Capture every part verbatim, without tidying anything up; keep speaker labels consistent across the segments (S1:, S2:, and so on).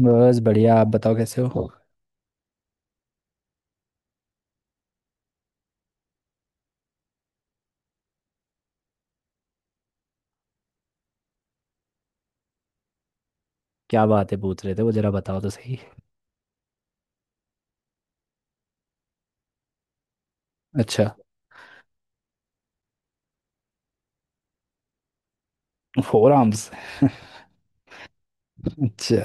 S1: बस बढ़िया। आप बताओ कैसे हो? क्या बातें पूछ रहे थे वो जरा बताओ तो सही। अच्छा। Four arms. अच्छा।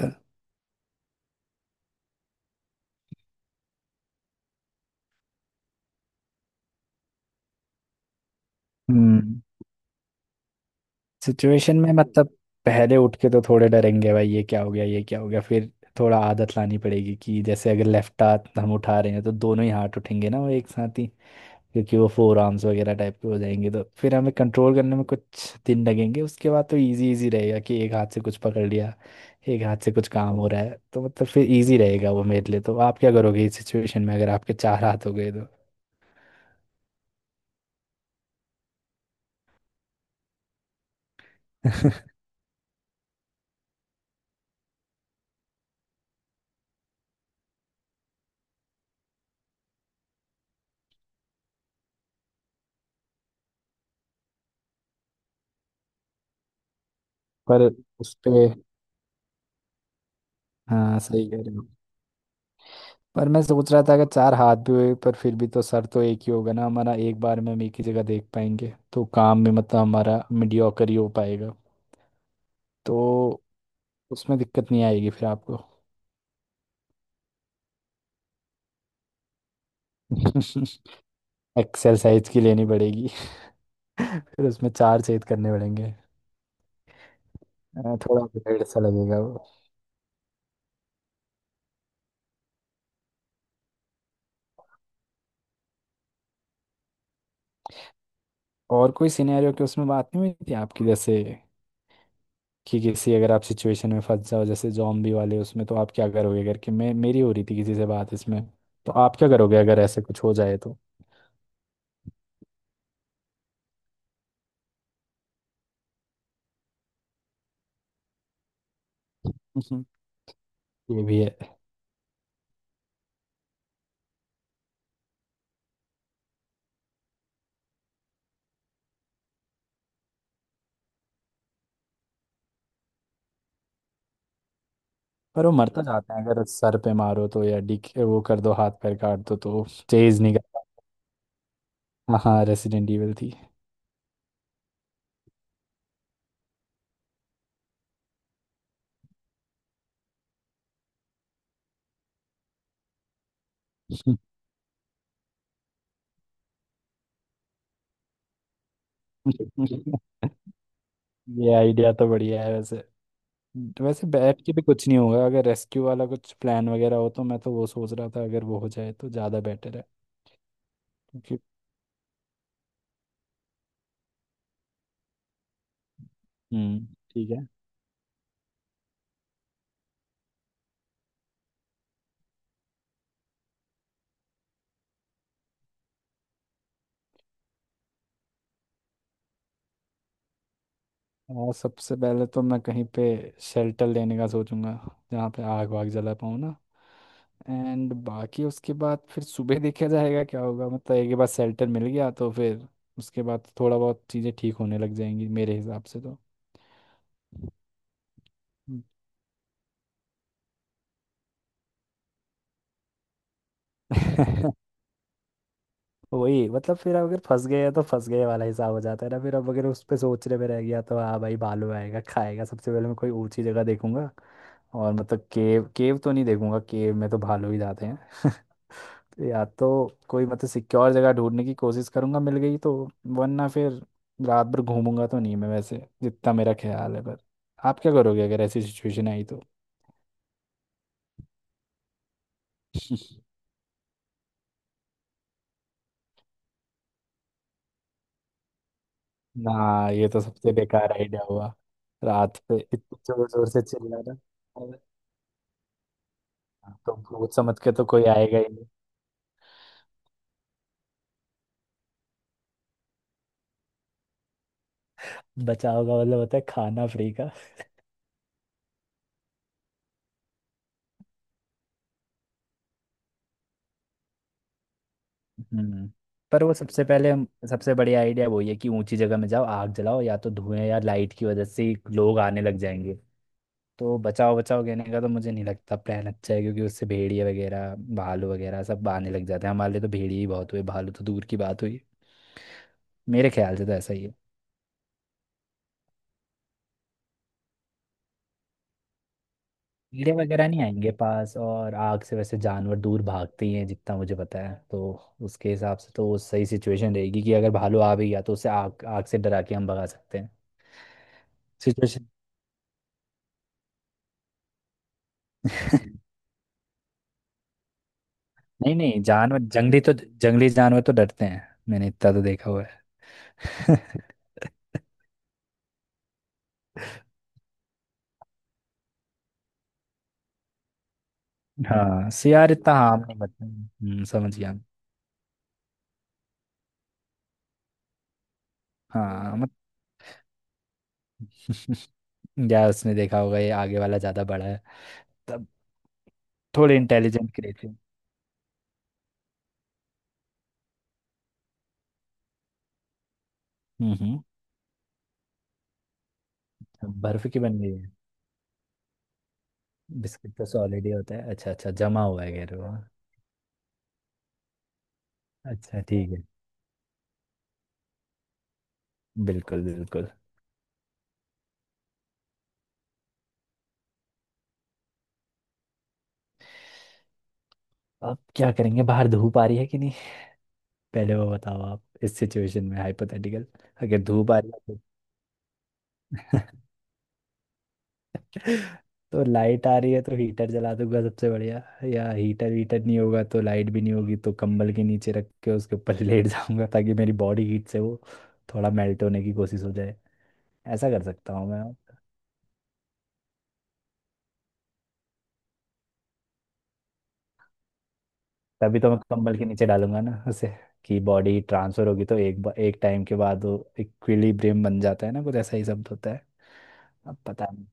S1: हम्म। सिचुएशन में मतलब, पहले उठ के तो थोड़े डरेंगे भाई, ये क्या हो गया ये क्या हो गया, फिर थोड़ा आदत लानी पड़ेगी कि जैसे अगर लेफ्ट हाथ हम उठा रहे हैं तो दोनों ही हाथ उठेंगे ना वो, एक साथ ही, क्योंकि वो फोर आर्म्स वगैरह टाइप के हो जाएंगे तो फिर हमें कंट्रोल करने में कुछ दिन लगेंगे। उसके बाद तो इजी इजी रहेगा कि एक हाथ से कुछ पकड़ लिया, एक हाथ से कुछ काम हो रहा है तो मतलब फिर इजी रहेगा वो मेरे लिए। तो आप क्या करोगे इस सिचुएशन में अगर आपके चार हाथ हो गए तो? पर उस पे। हाँ, सही कह रहे हो। पर मैं सोच रहा था अगर चार हाथ भी हुए पर फिर भी तो सर तो एक ही होगा ना हमारा, एक बार में हम एक ही जगह देख पाएंगे तो काम में मतलब हमारा मीडियोकर ही हो पाएगा। तो उसमें दिक्कत नहीं आएगी फिर आपको? एक्सरसाइज की लेनी पड़ेगी। फिर उसमें चार छेद करने पड़ेंगे। अ, थोड़ा वेट सा लगेगा वो। और कोई सिनेरियो की उसमें बात नहीं हुई थी आपकी, जैसे कि किसी, अगर आप सिचुएशन में फंस जाओ जैसे जॉम्बी वाले उसमें तो आप क्या करोगे करके, मैं, मेरी हो रही थी किसी से बात इसमें। तो आप क्या करोगे अगर ऐसे कुछ हो जाए तो? ये भी है। पर वो मरता जाता है अगर सर पे मारो तो, या डिक वो कर दो, हाथ पैर काट दो तो चेज नहीं करता। हाँ, रेसिडेंट इविल थी। ये आइडिया तो बढ़िया है वैसे। वैसे बैट के भी कुछ नहीं होगा अगर रेस्क्यू वाला कुछ प्लान वगैरह हो तो। मैं तो वो सोच रहा था अगर वो हो जाए तो ज़्यादा बेटर है। क्योंकि। हम्म। ठीक है। और सबसे पहले तो मैं कहीं पे शेल्टर लेने का सोचूंगा, जहाँ पे आग वाग जला पाऊँ ना। एंड बाकी उसके बाद फिर सुबह देखा जाएगा क्या होगा, मतलब एक बार शेल्टर मिल गया तो फिर उसके बाद थोड़ा बहुत चीज़ें ठीक होने लग जाएंगी मेरे हिसाब से तो। हम्म। वही, मतलब फिर अगर फंस गए हैं तो फंस गए वाला हिसाब हो जाता है ना फिर। अब अगर उस पे सोचने में रह गया तो हाँ भाई, भालू आएगा खाएगा। सबसे पहले मैं कोई ऊंची जगह देखूंगा। और मतलब केव केव तो नहीं देखूंगा, केव में तो भालू ही जाते हैं। तो या तो कोई मतलब सिक्योर जगह ढूंढने की कोशिश करूंगा, मिल गई तो, वरना फिर रात भर घूमूंगा तो नहीं मैं वैसे जितना मेरा ख्याल है। पर आप क्या करोगे अगर ऐसी सिचुएशन आई तो? ना, ये तो सबसे बेकार आइडिया हुआ, रात पे इतनी जोर जोर से चिल्लाना। तो भूत समझ के तो कोई आएगा ही नहीं। बचा होगा मतलब होता है खाना फ्री का। हम्म। पर वो सबसे पहले, सबसे बढ़िया आइडिया वही है कि ऊंची जगह में जाओ, आग जलाओ, या तो धुएं या लाइट की वजह से ही लोग आने लग जाएंगे। तो बचाओ बचाओ कहने का तो मुझे नहीं लगता प्लान अच्छा है, क्योंकि उससे भेड़िया वगैरह, भालू वगैरह सब आने लग जाते हैं। हमारे लिए तो भेड़िया ही बहुत हुए, भालू तो दूर की बात हुई। मेरे ख्याल से तो ऐसा ही है। कीड़े वगैरह नहीं आएंगे पास, और आग से वैसे जानवर दूर भागते ही हैं जितना मुझे पता है। तो उसके हिसाब से तो वो सही सिचुएशन रहेगी कि अगर भालू आ भी गया तो उसे आग, आग से डरा के हम भगा सकते हैं। सिचुएशन। नहीं नहीं, जानवर जंगली तो, जंगली जानवर तो डरते हैं, मैंने इतना तो देखा हुआ है। हाँ सियार, इतना हाँ नहीं बता। हम्म, समझ गया। हाँ मत। यार उसने देखा होगा ये आगे वाला ज्यादा बड़ा है तब, थोड़े इंटेलिजेंट क्रिएचर। हम्म हम्म। बर्फ की बन गई। बिस्किट तो सॉलिड ही होता है। अच्छा अच्छा, जमा हुआ है कह रहे हो, हाँ। अच्छा ठीक है। बिल्कुल बिल्कुल। अब क्या करेंगे, बाहर धूप आ रही है कि नहीं? पहले वो बताओ, आप इस सिचुएशन में हाइपोथेटिकल। अगर धूप आ रही है तो तो लाइट आ रही है तो हीटर जला दूंगा सबसे बढ़िया। या हीटर वीटर नहीं होगा तो लाइट भी नहीं होगी, तो कंबल के नीचे रख के उसके ऊपर लेट जाऊंगा, ताकि मेरी बॉडी हीट से वो थोड़ा मेल्ट होने की कोशिश हो जाए। ऐसा कर सकता हूँ मैं। तभी तो मैं कंबल के नीचे डालूंगा ना उसे, कि बॉडी ट्रांसफर होगी तो एक बा- एक टाइम के बाद वो इक्विलिब्रियम बन जाता है ना, कुछ ऐसा ही शब्द होता है। अब पता नहीं।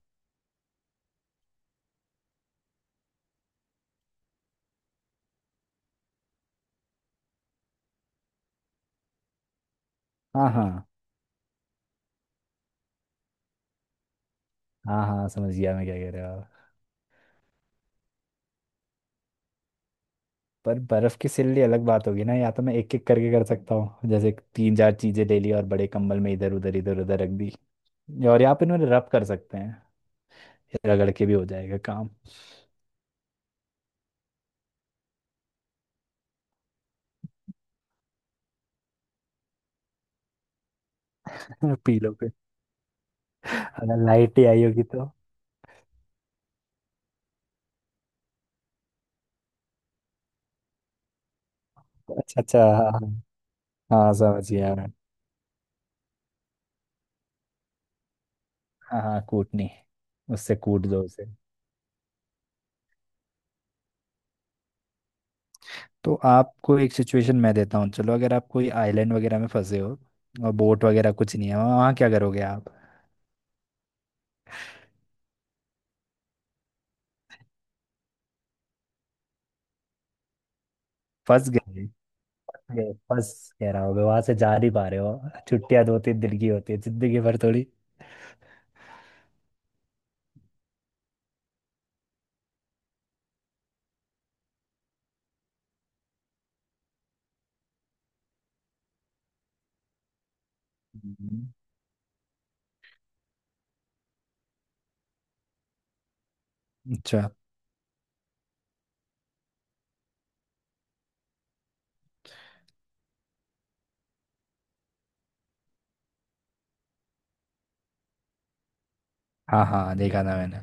S1: हाँ हाँ। हाँ हाँ, समझ गया मैं क्या कह रहे हो आप। पर बर्फ की सिल्ली अलग बात होगी ना, या तो मैं एक एक करके कर सकता हूँ, जैसे तीन चार चीजें ले ली और बड़े कंबल में इधर उधर इधर उधर रख दी। और यहाँ पे इन्होंने रब कर सकते हैं, ये रगड़ के भी हो जाएगा काम। पीलो पे। अगर लाइट ही आई होगी तो। अच्छा अच्छा, हाँ हाँ। हाँ, समझ गया। हाँ हाँ, कूटनी। उससे कूट दो उसे। तो आपको एक सिचुएशन मैं देता हूँ, चलो अगर आप कोई आइलैंड वगैरह में फंसे हो, और बोट वगैरह कुछ नहीं है वहाँ, वहाँ क्या करोगे आप? फंस गए, फंस गए, फंस। कह रहा होगा वहां से जा नहीं पा रहे हो, छुट्टियां दो तीन दिन की होती है, जिंदगी भर थोड़ी। हम्म। अच्छा। हाँ हाँ, देखा था मैंने।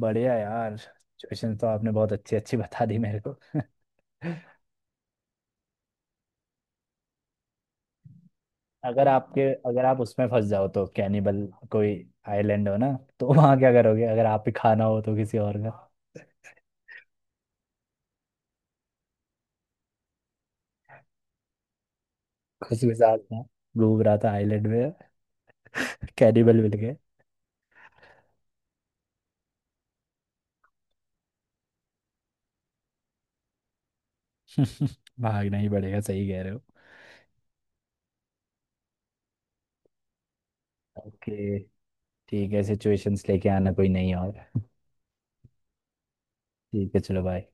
S1: बढ़िया यार, सिचुएशन तो आपने बहुत अच्छी अच्छी बता दी मेरे को। अगर आपके, अगर आप उसमें फंस जाओ तो कैनिबल, कोई आइलैंड हो ना, तो वहां क्या करोगे अगर आप ही खाना हो तो किसी और का? खुश मिजाज था, घूम रहा था आइलैंड में, कैनिबल मिल गए। भागना ही पड़ेगा, सही कह रहे हो। ओके। ठीक है, सिचुएशंस लेके आना, कोई नहीं और। ठीक है चलो, बाय।